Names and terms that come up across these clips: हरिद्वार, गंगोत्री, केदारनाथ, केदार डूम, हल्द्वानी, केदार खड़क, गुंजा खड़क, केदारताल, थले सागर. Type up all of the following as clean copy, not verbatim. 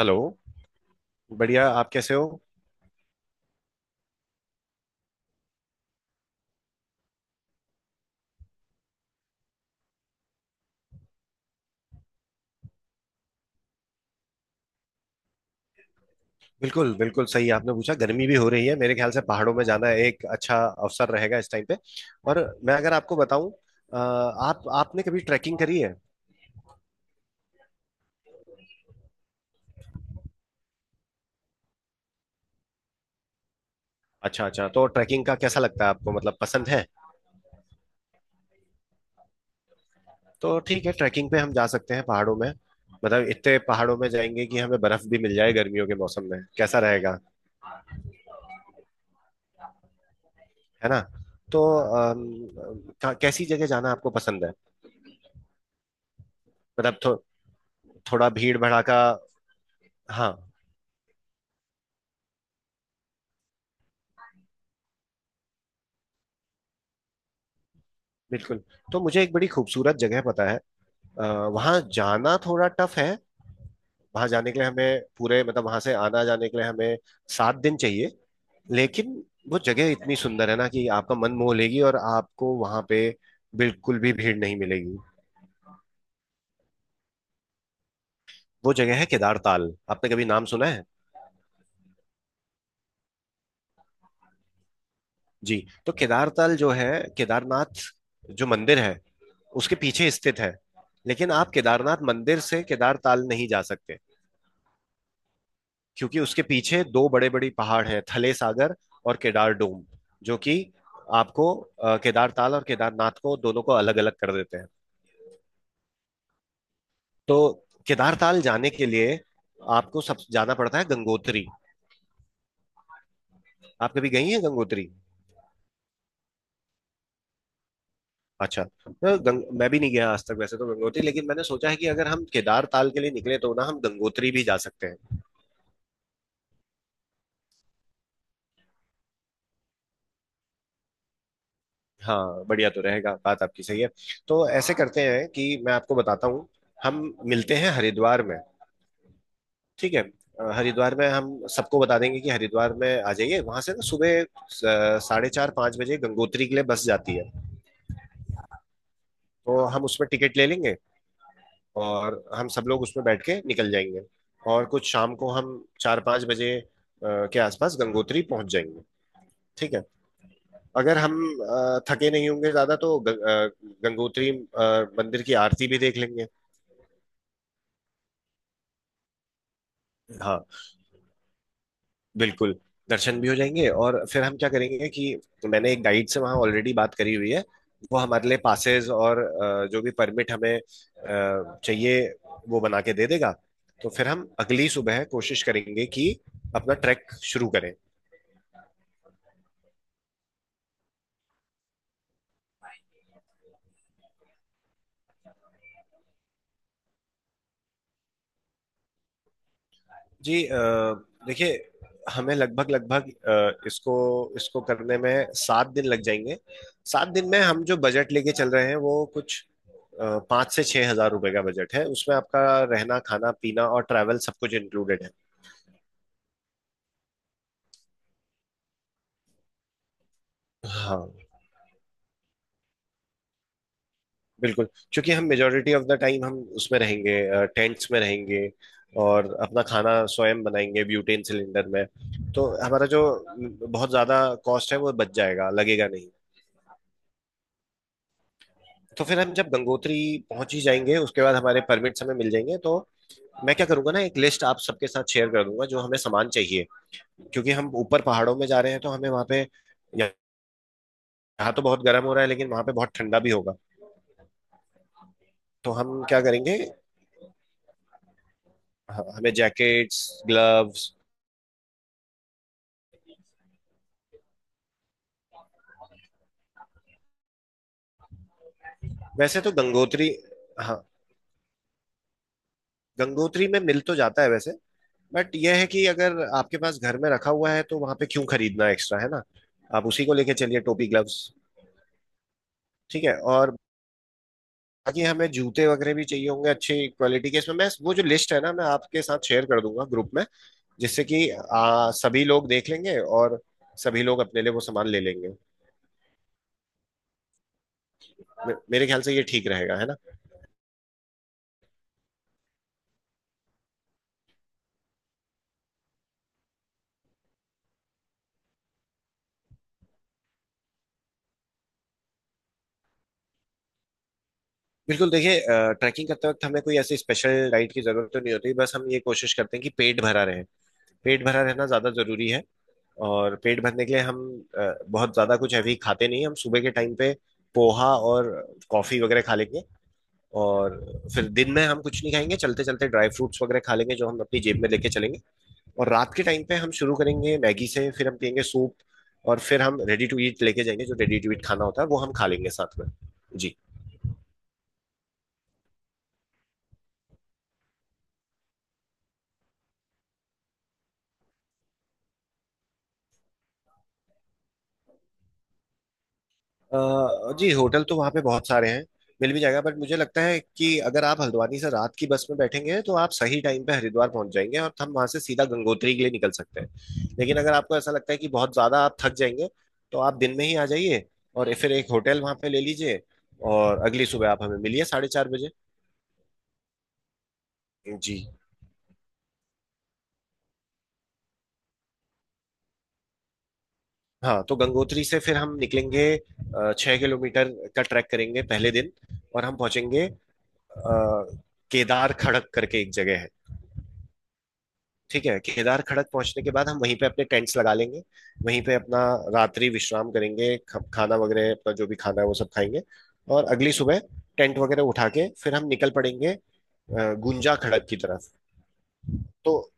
Hello. बढ़िया, आप कैसे हो? बिल्कुल बिल्कुल सही आपने पूछा। गर्मी भी हो रही है, मेरे ख्याल से पहाड़ों में जाना एक अच्छा अवसर रहेगा इस टाइम पे। और मैं अगर आपको बताऊं, आप आपने कभी ट्रैकिंग करी है? अच्छा अच्छा, तो ट्रैकिंग का कैसा लगता है आपको, मतलब पसंद है? तो ठीक है, ट्रैकिंग पे हम जा सकते हैं पहाड़ों में। मतलब इतने पहाड़ों में जाएंगे कि हमें बर्फ भी मिल जाए गर्मियों के मौसम में, कैसा रहेगा? है ना? तो कैसी जगह जाना आपको पसंद है? मतलब थोड़ा भीड़ भड़ाका। हाँ। बिल्कुल। तो मुझे एक बड़ी खूबसूरत जगह पता है। वहां जाना थोड़ा टफ है। वहां जाने के लिए हमें पूरे, मतलब वहां से आना जाने के लिए हमें 7 दिन चाहिए। लेकिन वो जगह इतनी सुंदर है ना, कि आपका मन मोह लेगी, और आपको वहां पे बिल्कुल भी भीड़ नहीं मिलेगी। वो जगह है केदारताल, आपने कभी नाम सुना है? जी। तो केदारताल जो है, केदारनाथ जो मंदिर है उसके पीछे स्थित है। लेकिन आप केदारनाथ मंदिर से केदारताल नहीं जा सकते, क्योंकि उसके पीछे दो बड़े बड़ी पहाड़ है, थले सागर और केदार डूम, जो कि आपको केदार ताल और केदारनाथ को, दोनों को अलग अलग कर देते हैं। तो केदार ताल जाने के लिए आपको सब जाना पड़ता है, गंगोत्री। आप कभी गई हैं गंगोत्री? अच्छा, तो मैं भी नहीं गया आज तक वैसे तो गंगोत्री, लेकिन मैंने सोचा है कि अगर हम केदार ताल के लिए निकले तो ना हम गंगोत्री भी जा सकते हैं। हाँ, बढ़िया तो रहेगा, बात आपकी सही है। तो ऐसे करते हैं कि मैं आपको बताता हूँ। हम मिलते हैं हरिद्वार में, ठीक है? हरिद्वार में हम सबको बता देंगे कि हरिद्वार में आ जाइए, वहां से ना सुबह 4:30-5 बजे गंगोत्री के लिए बस जाती है। तो हम उसमें टिकट ले लेंगे, और हम सब लोग उसमें बैठ के निकल जाएंगे। और कुछ शाम को हम 4-5 बजे के आसपास गंगोत्री पहुंच जाएंगे, ठीक है। अगर हम थके नहीं होंगे ज्यादा तो गंगोत्री मंदिर की आरती भी देख लेंगे। हाँ, बिल्कुल। दर्शन भी हो जाएंगे। और फिर हम क्या करेंगे कि मैंने एक गाइड से वहाँ ऑलरेडी बात करी हुई है। वो हमारे लिए पासेस और जो भी परमिट हमें चाहिए वो बना के दे देगा। तो फिर हम अगली सुबह कोशिश करेंगे कि अपना ट्रैक शुरू करें। जी, देखिए, हमें लगभग लगभग इसको इसको करने में 7 दिन लग जाएंगे। सात दिन में हम जो बजट लेके चल रहे हैं वो कुछ, 5 से 6 हजार रुपए का बजट है, उसमें आपका रहना, खाना पीना और ट्रैवल सब कुछ इंक्लूडेड है। हाँ, बिल्कुल। क्योंकि हम मेजोरिटी ऑफ द टाइम हम उसमें रहेंगे, टेंट्स में रहेंगे, और अपना खाना स्वयं बनाएंगे ब्यूटेन सिलेंडर में। तो हमारा जो बहुत ज्यादा कॉस्ट है वो बच जाएगा, लगेगा नहीं। तो फिर हम जब गंगोत्री पहुंच ही जाएंगे उसके बाद हमारे परमिट्स हमें मिल जाएंगे, तो मैं क्या करूंगा ना, एक लिस्ट आप सबके साथ शेयर कर दूंगा जो हमें सामान चाहिए। क्योंकि हम ऊपर पहाड़ों में जा रहे हैं तो हमें वहाँ पे, यहाँ तो बहुत गर्म हो रहा है लेकिन वहाँ पे बहुत ठंडा भी होगा। तो हम क्या करेंगे, हाँ, हमें जैकेट्स, ग्लव्स। वैसे तो गंगोत्री, हाँ, गंगोत्री में मिल तो जाता है वैसे, बट यह है कि अगर आपके पास घर में रखा हुआ है तो वहाँ पे क्यों खरीदना, एक्स्ट्रा है ना। आप उसी को लेके चलिए, टोपी, ग्लव्स। ठीक है। और बाकी हमें जूते वगैरह भी चाहिए होंगे अच्छी क्वालिटी के। इसमें मैं वो जो लिस्ट है ना मैं आपके साथ शेयर कर दूंगा ग्रुप में, जिससे कि सभी लोग देख लेंगे, और सभी लोग अपने लिए वो सामान ले लेंगे। मेरे ख्याल से ये ठीक रहेगा, है ना? बिल्कुल। देखिए, ट्रैकिंग करते वक्त हमें कोई ऐसी स्पेशल डाइट की जरूरत तो नहीं होती, बस हम ये कोशिश करते हैं कि पेट भरा रहे। पेट भरा रहना ज्यादा जरूरी है। और पेट भरने के लिए हम बहुत ज्यादा कुछ हैवी खाते नहीं हैं। हम सुबह के टाइम पे पोहा और कॉफी वगैरह खा लेंगे। और फिर दिन में हम कुछ नहीं खाएंगे, चलते चलते ड्राई फ्रूट्स वगैरह खा लेंगे जो हम अपनी जेब में लेके चलेंगे। और रात के टाइम पे हम शुरू करेंगे मैगी से, फिर हम पियेंगे सूप। और फिर हम रेडी टू ईट लेके जाएंगे, जो रेडी टू ईट खाना होता है वो हम खा लेंगे साथ में। जी। जी, होटल तो वहाँ पे बहुत सारे हैं, मिल भी जाएगा, बट मुझे लगता है कि अगर आप हल्द्वानी से रात की बस में बैठेंगे तो आप सही टाइम पे हरिद्वार पहुंच जाएंगे, और हम वहाँ से सीधा गंगोत्री के लिए निकल सकते हैं। लेकिन अगर आपको ऐसा लगता है कि बहुत ज़्यादा आप थक जाएंगे, तो आप दिन में ही आ जाइए, और फिर एक होटल वहाँ पे ले लीजिए, और अगली सुबह आप हमें मिलिए 4:30 बजे। जी। हाँ, तो गंगोत्री से फिर हम निकलेंगे, 6 किलोमीटर का ट्रैक करेंगे पहले दिन। और हम पहुँचेंगे केदार खड़क करके एक जगह है, ठीक है। केदार खड़क पहुंचने के बाद हम वहीं पे अपने टेंट्स लगा लेंगे, वहीं पे अपना रात्रि विश्राम करेंगे, खाना वगैरह, अपना जो भी खाना है वो सब खाएंगे। और अगली सुबह टेंट वगैरह उठा के फिर हम निकल पड़ेंगे गुंजा खड़क की तरफ। तो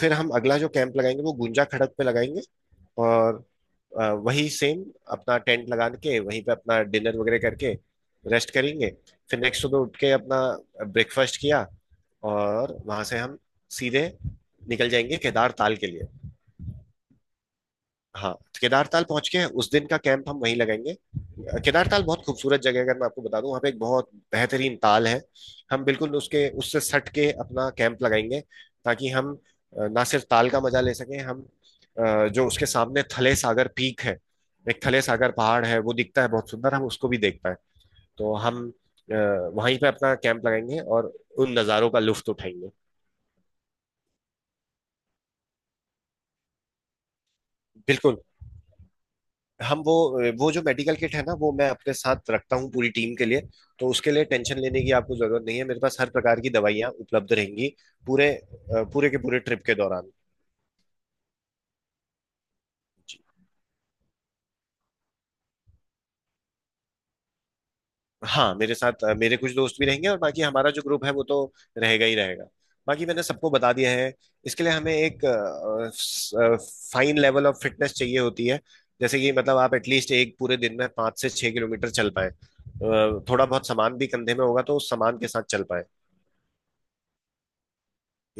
फिर हम अगला जो कैंप लगाएंगे वो गुंजा खड़क पे लगाएंगे। और वही सेम अपना टेंट लगा के वहीं पे अपना डिनर वगैरह करके रेस्ट करेंगे। फिर नेक्स्ट सुबह उठ के अपना ब्रेकफास्ट किया, और वहां से हम सीधे निकल जाएंगे केदार ताल के लिए। हाँ। केदारताल पहुंच के उस दिन का कैंप हम वहीं लगाएंगे। केदारताल बहुत खूबसूरत जगह है, अगर मैं आपको बता दूं, वहाँ पे एक बहुत बेहतरीन ताल है। हम बिल्कुल उसके, उससे सट के अपना कैंप लगाएंगे, ताकि हम ना सिर्फ ताल का मजा ले सकें, हम जो उसके सामने थले सागर पीक है, एक थले सागर पहाड़ है वो दिखता है बहुत सुंदर, हम उसको भी देख पाए। तो हम अ, वहीं पे अपना कैंप लगाएंगे, और उन नज़ारों का लुत्फ उठाएंगे। बिल्कुल। हम वो जो मेडिकल किट है ना, वो मैं अपने साथ रखता हूँ पूरी टीम के लिए। तो उसके लिए टेंशन लेने की आपको जरूरत नहीं है, मेरे पास हर प्रकार की दवाइयाँ उपलब्ध रहेंगी पूरे, पूरे के पूरे ट्रिप के दौरान। जी। हाँ, मेरे साथ मेरे कुछ दोस्त भी रहेंगे, और बाकी हमारा जो ग्रुप है वो तो रहेगा ही रहेगा, बाकी मैंने सबको बता दिया है। इसके लिए हमें एक फाइन लेवल ऑफ फिटनेस चाहिए होती है। जैसे कि मतलब आप एटलीस्ट एक पूरे दिन में 5 से 6 किलोमीटर चल पाए, थोड़ा बहुत सामान भी कंधे में होगा तो उस सामान के साथ चल पाए।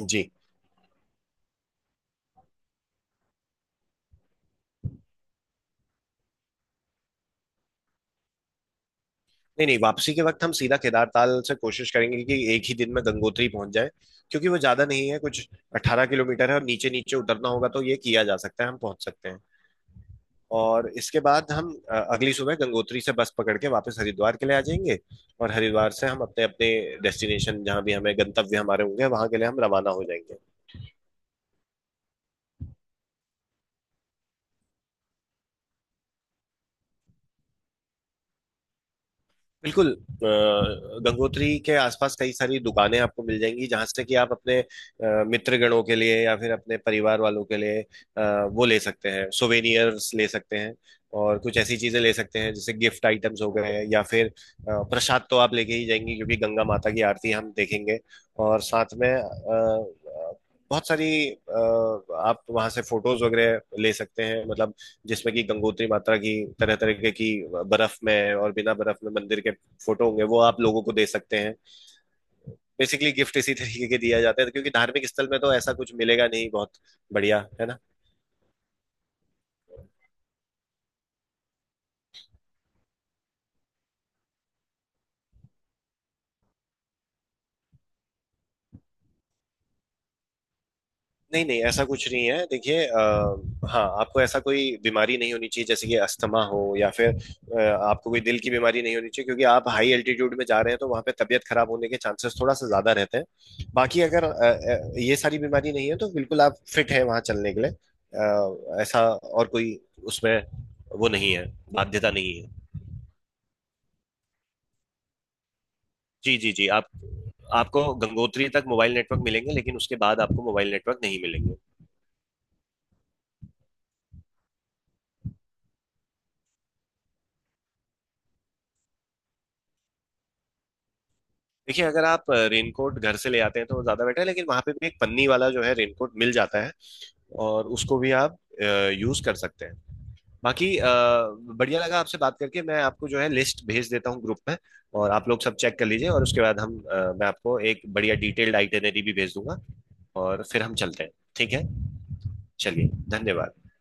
जी। नहीं नहीं, वापसी के वक्त हम सीधा केदारताल से कोशिश करेंगे कि एक ही दिन में गंगोत्री पहुंच जाए, क्योंकि वो ज्यादा नहीं है कुछ, 18 किलोमीटर है, और नीचे नीचे उतरना होगा, तो ये किया जा सकता है, हम पहुंच सकते हैं। और इसके बाद हम अगली सुबह गंगोत्री से बस पकड़ के वापस हरिद्वार के लिए आ जाएंगे। और हरिद्वार से हम अपने अपने डेस्टिनेशन, जहाँ भी हमें गंतव्य हमारे होंगे वहां के लिए हम रवाना हो जाएंगे। बिल्कुल। गंगोत्री के आसपास कई सारी दुकानें आपको मिल जाएंगी, जहां से कि आप अपने मित्रगणों के लिए या फिर अपने परिवार वालों के लिए वो ले सकते हैं, सोवेनियर्स ले सकते हैं। और कुछ ऐसी चीजें ले सकते हैं, जैसे गिफ्ट आइटम्स हो गए, या फिर प्रसाद तो आप लेके ही जाएंगी क्योंकि गंगा माता की आरती हम देखेंगे। और साथ में बहुत सारी आप वहां से फोटोज वगैरह ले सकते हैं, मतलब जिसमें कि गंगोत्री माता की तरह तरह की बर्फ में और बिना बर्फ में मंदिर के फोटो होंगे, वो आप लोगों को दे सकते हैं। बेसिकली गिफ्ट इसी तरीके के दिया जाता है क्योंकि धार्मिक स्थल में तो ऐसा कुछ मिलेगा नहीं बहुत। बढ़िया है ना। नहीं नहीं ऐसा कुछ नहीं है, देखिए, हाँ, आपको ऐसा कोई बीमारी नहीं होनी चाहिए, जैसे कि अस्थमा हो, या फिर आपको कोई दिल की बीमारी नहीं होनी चाहिए, क्योंकि आप हाई एल्टीट्यूड में जा रहे हैं तो वहाँ पे तबीयत खराब होने के चांसेस थोड़ा सा ज्यादा रहते हैं। बाकी अगर ये सारी बीमारी नहीं है तो बिल्कुल आप फिट हैं वहाँ चलने के लिए, ऐसा और कोई उसमें वो नहीं है, बाध्यता नहीं है। जी जी जी, आप आपको गंगोत्री तक मोबाइल नेटवर्क मिलेंगे, लेकिन उसके बाद आपको मोबाइल नेटवर्क नहीं मिलेंगे। देखिए, अगर आप रेनकोट घर से ले आते हैं तो ज़्यादा बेटर है, लेकिन वहाँ पे भी एक पन्नी वाला जो है रेनकोट मिल जाता है, और उसको भी आप यूज़ कर सकते हैं। बाकी बढ़िया लगा आपसे बात करके, मैं आपको जो है लिस्ट भेज देता हूँ ग्रुप में, और आप लोग सब चेक कर लीजिए, और उसके बाद हम, मैं आपको एक बढ़िया डिटेल्ड आइटनरी भी भेज दूंगा। और फिर हम चलते हैं। ठीक है? चलिए। धन्यवाद।